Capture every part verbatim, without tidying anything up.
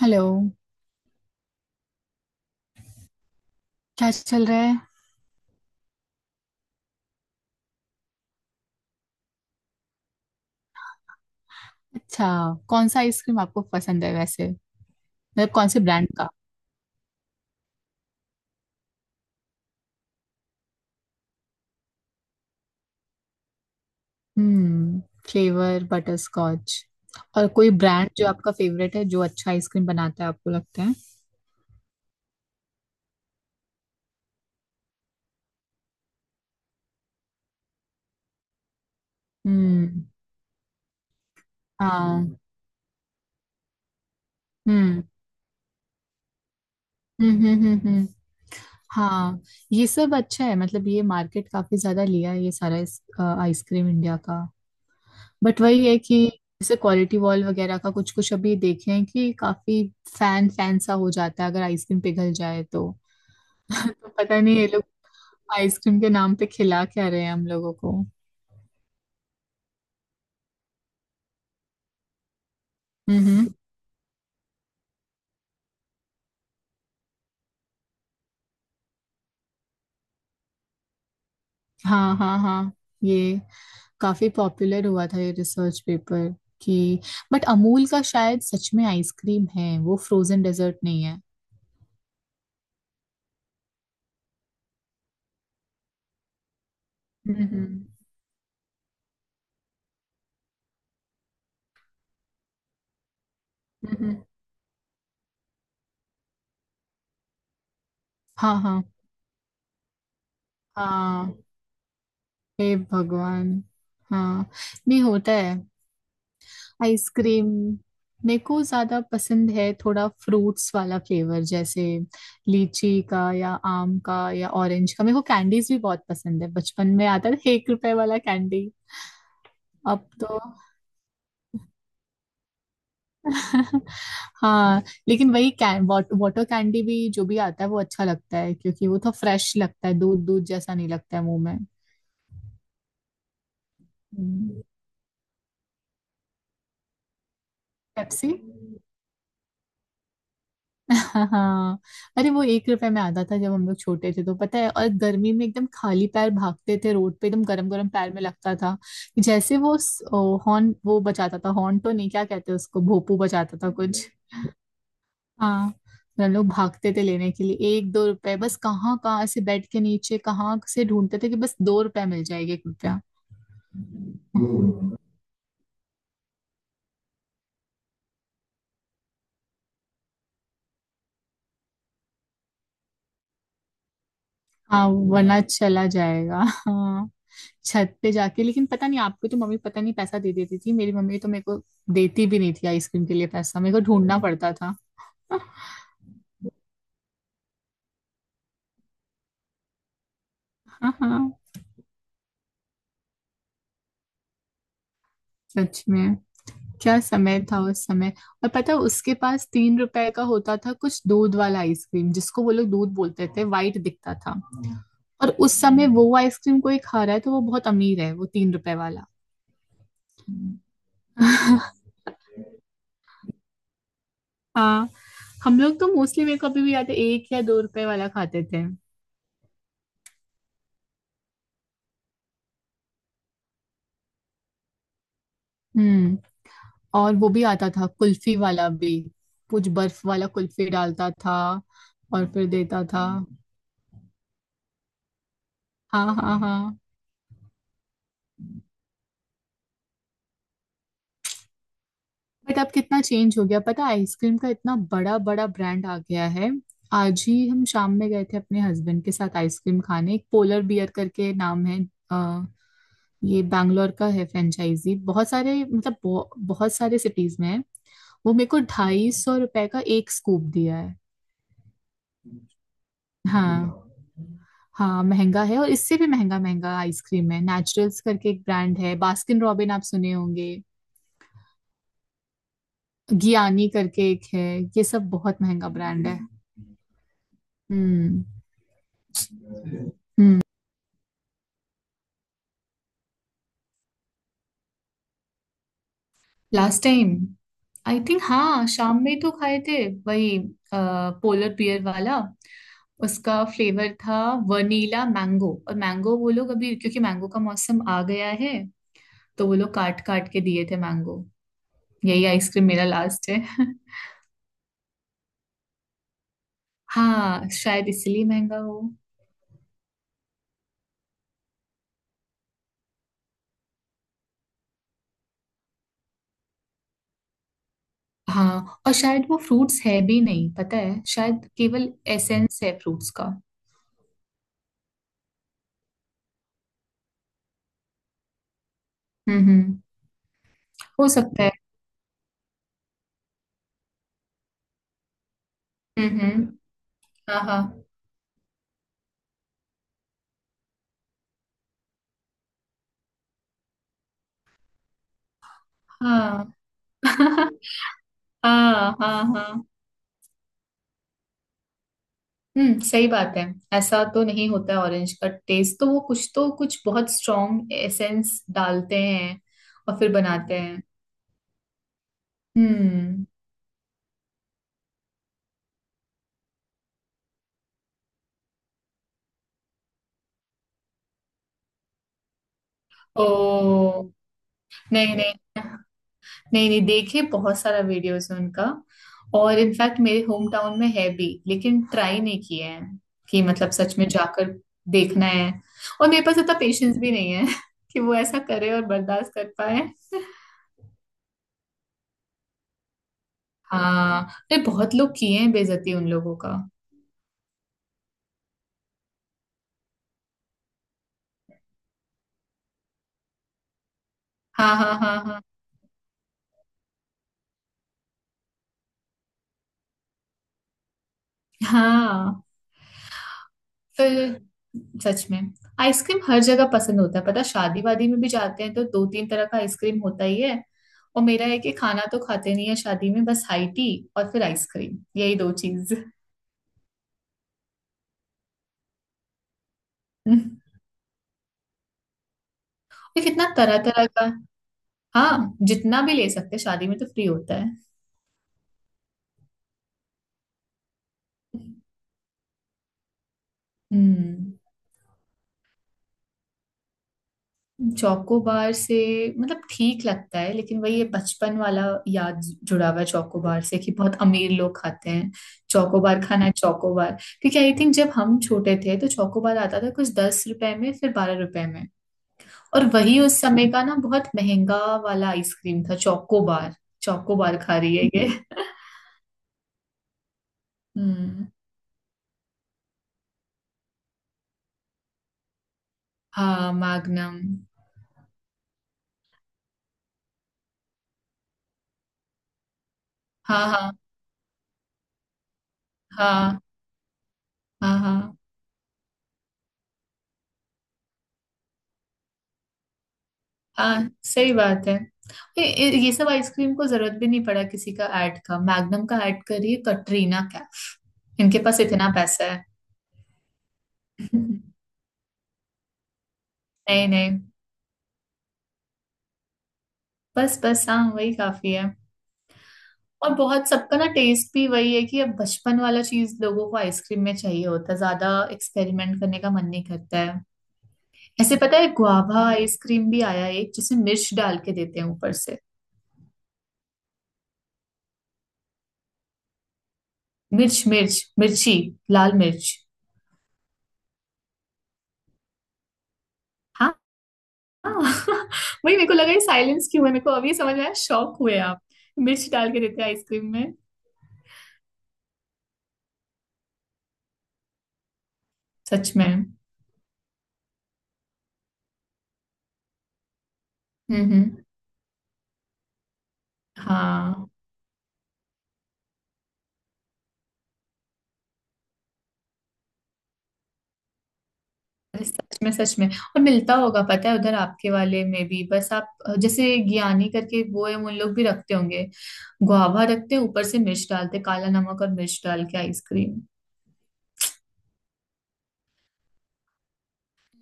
Hello. क्या चल रहा है? अच्छा। कौन सा आइसक्रीम आपको पसंद है वैसे? मतलब कौन से ब्रांड का? हम्म। Flavour butterscotch. और कोई ब्रांड जो आपका फेवरेट है, जो अच्छा आइसक्रीम बनाता है आपको लगता है? हम्म। हाँ। हम्म हम्म हम्म हम्म हम्म। हाँ। ये सब अच्छा है, मतलब ये मार्केट काफी ज्यादा लिया है, ये सारा इस, अ, आइसक्रीम इंडिया का। बट वही है कि जैसे क्वालिटी वॉल वगैरह का कुछ कुछ अभी देखे हैं कि काफी फैन फैन सा हो जाता है अगर आइसक्रीम पिघल जाए तो। तो पता नहीं ये लोग आइसक्रीम के नाम पे खिला क्या रहे हैं हम लोगों को। हम्म। हाँ हाँ हाँ। ये काफी पॉपुलर हुआ था ये रिसर्च पेपर कि, बट अमूल का शायद सच में आइसक्रीम है, वो फ्रोजन डेजर्ट नहीं है। हम्म हम्म। हाँ हाँ हाँ। हे भगवान! हाँ, नहीं होता है आइसक्रीम। मेरे को ज्यादा पसंद है थोड़ा फ्रूट्स वाला फ्लेवर, जैसे लीची का या आम का या ऑरेंज का। मेरे को कैंडीज भी बहुत पसंद है, बचपन में आता था एक रुपए वाला कैंडी। अब तो हाँ। लेकिन वही कैं वाटर कैंडी भी जो भी आता है वो अच्छा लगता है, क्योंकि वो तो फ्रेश लगता है, दूध दूध जैसा नहीं लगता है मुंह में। पेप्सी। हाँ हाँ। अरे वो एक रुपए में आता था जब हम लोग छोटे थे, तो पता है, और गर्मी में एकदम खाली पैर भागते थे रोड पे, एकदम गरम गरम पैर में लगता था। जैसे वो हॉर्न वो बजाता था, हॉर्न तो नहीं, क्या कहते हैं उसको, भोपू बजाता था कुछ। हाँ। तो हम लोग भागते थे लेने के लिए, एक दो रुपए बस, कहाँ कहाँ से बेड के नीचे कहाँ से ढूंढते थे कि बस दो रुपए मिल जाएगा, एक रुपया। हाँ वरना चला जाएगा। हाँ। छत पे जाके, लेकिन पता नहीं, आपको तो मम्मी पता नहीं पैसा दे देती थी, मेरी मम्मी तो मेरे को देती भी नहीं थी आइसक्रीम के लिए, पैसा मेरे को ढूंढना पड़ता था। हाँ हाँ। सच में, क्या समय था उस समय। और पता है, उसके पास तीन रुपए का होता था कुछ दूध वाला आइसक्रीम, जिसको वो लोग दूध बोलते थे, वाइट दिखता था। और उस समय वो आइसक्रीम कोई खा रहा है तो वो बहुत अमीर है, वो तीन रुपए वाला। हाँ। हम लोग तो मोस्टली, मेरे को अभी भी याद है, एक या दो रुपए वाला खाते थे। हम्म। और वो भी आता था कुल्फी वाला भी, कुछ बर्फ वाला कुल्फी डालता था और फिर देता था। हाँ हाँ हाँ। बट अब कितना चेंज हो गया पता है आइसक्रीम का, इतना बड़ा बड़ा ब्रांड आ गया है। आज ही हम शाम में गए थे अपने हस्बैंड के साथ आइसक्रीम खाने, एक पोलर बियर करके नाम है। अ, ये बैंगलोर का है, फ्रेंचाइजी बहुत सारे, मतलब बहु, बहुत सारे सिटीज में है। वो मेरे को ढाई सौ रुपए का एक स्कूप दिया है। हाँ हाँ महंगा है, और इससे भी महंगा महंगा आइसक्रीम है, नेचुरल्स करके एक ब्रांड है, बास्किन रॉबिन आप सुने होंगे। गियानी करके एक है। ये सब बहुत महंगा ब्रांड है। हम्म हम्म। लास्ट टाइम, आई थिंक हाँ शाम में तो खाए थे। वही पोलर बियर वाला। उसका फ्लेवर था वनीला मैंगो और मैंगो, वो लोग अभी क्योंकि मैंगो का मौसम आ गया है, तो वो लोग काट काट के दिए थे मैंगो। यही आइसक्रीम मेरा लास्ट है। हाँ शायद इसलिए महंगा हो। हाँ, और शायद वो फ्रूट्स है भी नहीं, पता है, शायद केवल एसेंस है फ्रूट्स का। हम्म हम्म। हो सकता है। हम्म हम्म। हाँ हाँ हाँ। हाँ हाँ हाँ। हम्म सही बात है। ऐसा तो नहीं होता है ऑरेंज का टेस्ट, तो वो कुछ तो कुछ बहुत स्ट्रॉन्ग एसेंस डालते हैं और फिर बनाते हैं। हम्म। ओ। नहीं नहीं। नहीं नहीं देखे, बहुत सारा वीडियोस है उनका। और इनफैक्ट मेरे होम टाउन में है भी लेकिन ट्राई नहीं किए हैं, कि मतलब सच में जाकर देखना है, और मेरे पास इतना पेशेंस भी नहीं है कि वो ऐसा करे और बर्दाश्त कर पाए। हाँ। नहीं, बहुत लोग किए हैं बेइज्जती उन लोगों का। हाँ हाँ हाँ हाँ हाँ। फिर, सच में, आइसक्रीम हर जगह पसंद होता है पता, शादी वादी में भी जाते हैं तो दो तीन तरह का आइसक्रीम होता ही है। और मेरा है कि खाना तो खाते नहीं है शादी में, बस हाई टी और फिर आइसक्रीम, यही दो चीज। और कितना तरह तरह का। हाँ जितना भी ले सकते हैं, शादी में तो फ्री होता है। हम्म। चौकोबार से मतलब ठीक लगता है, लेकिन वही ये बचपन वाला याद जुड़ा हुआ है चौकोबार से, कि बहुत अमीर लोग खाते हैं चौकोबार, खाना है चौकोबार, क्योंकि आई थिंक जब हम छोटे थे तो चौकोबार आता था कुछ दस रुपए में, फिर बारह रुपए में। और वही उस समय का ना, बहुत महंगा वाला आइसक्रीम था चौकोबार। चौकोबार खा रही है ये। हम्म। हाँ मैग्नम। हाँ हाँ हाँ हाँ हाँ हाँ सही बात है। ये ये- ये सब आइसक्रीम को जरूरत भी नहीं पड़ा किसी का ऐड का, मैग्नम का ऐड करिए कटरीना का। इनके पास इतना पैसा है। नहीं नहीं। बस बस, हाँ वही काफी है। और बहुत सबका ना टेस्ट भी वही है कि अब बचपन वाला चीज लोगों को आइसक्रीम में चाहिए होता है, ज्यादा एक्सपेरिमेंट करने का मन नहीं करता है। ऐसे पता है गुआवा आइसक्रीम भी आया है एक, जिसमें मिर्च डाल के देते हैं ऊपर से। मिर्च मिर्च मिर्ची, लाल मिर्च। हाँ? हाँ। वही मेरे को लगा ये साइलेंस क्यों है, मेरे को अभी समझ में आया, शॉक हुए आप। मिर्च डाल के देते हैं आइसक्रीम में। सच में। हम्म हम्म। हाँ। अरे सच में सच में, और मिलता होगा, पता है उधर आपके वाले में भी, बस आप अ, जैसे ज्ञानी करके वो है, उन लोग भी रखते होंगे। गुआवा रखते हैं, ऊपर से मिर्च डालते, काला नमक और मिर्च डाल के आइसक्रीम।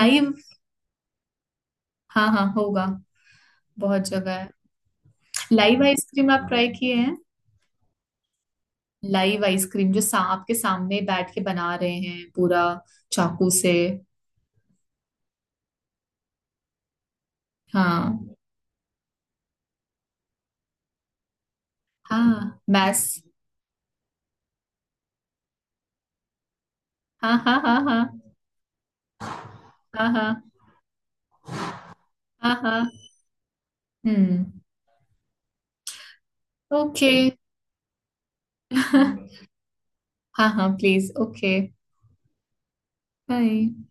लाइव। हाँ हाँ होगा, बहुत जगह है। लाइव आइसक्रीम आप ट्राई किए हैं? लाइव आइसक्रीम जो सा, आपके सामने बैठ के बना रहे हैं पूरा, चाकू से। हाँ हाँ। मैथ्स। हाँ हाँ हाँ हाँ हाँ हाँ हाँ हाँ हाँ, हाँ। हम्म। ओके। हाँ हाँ प्लीज। ओके। बाय।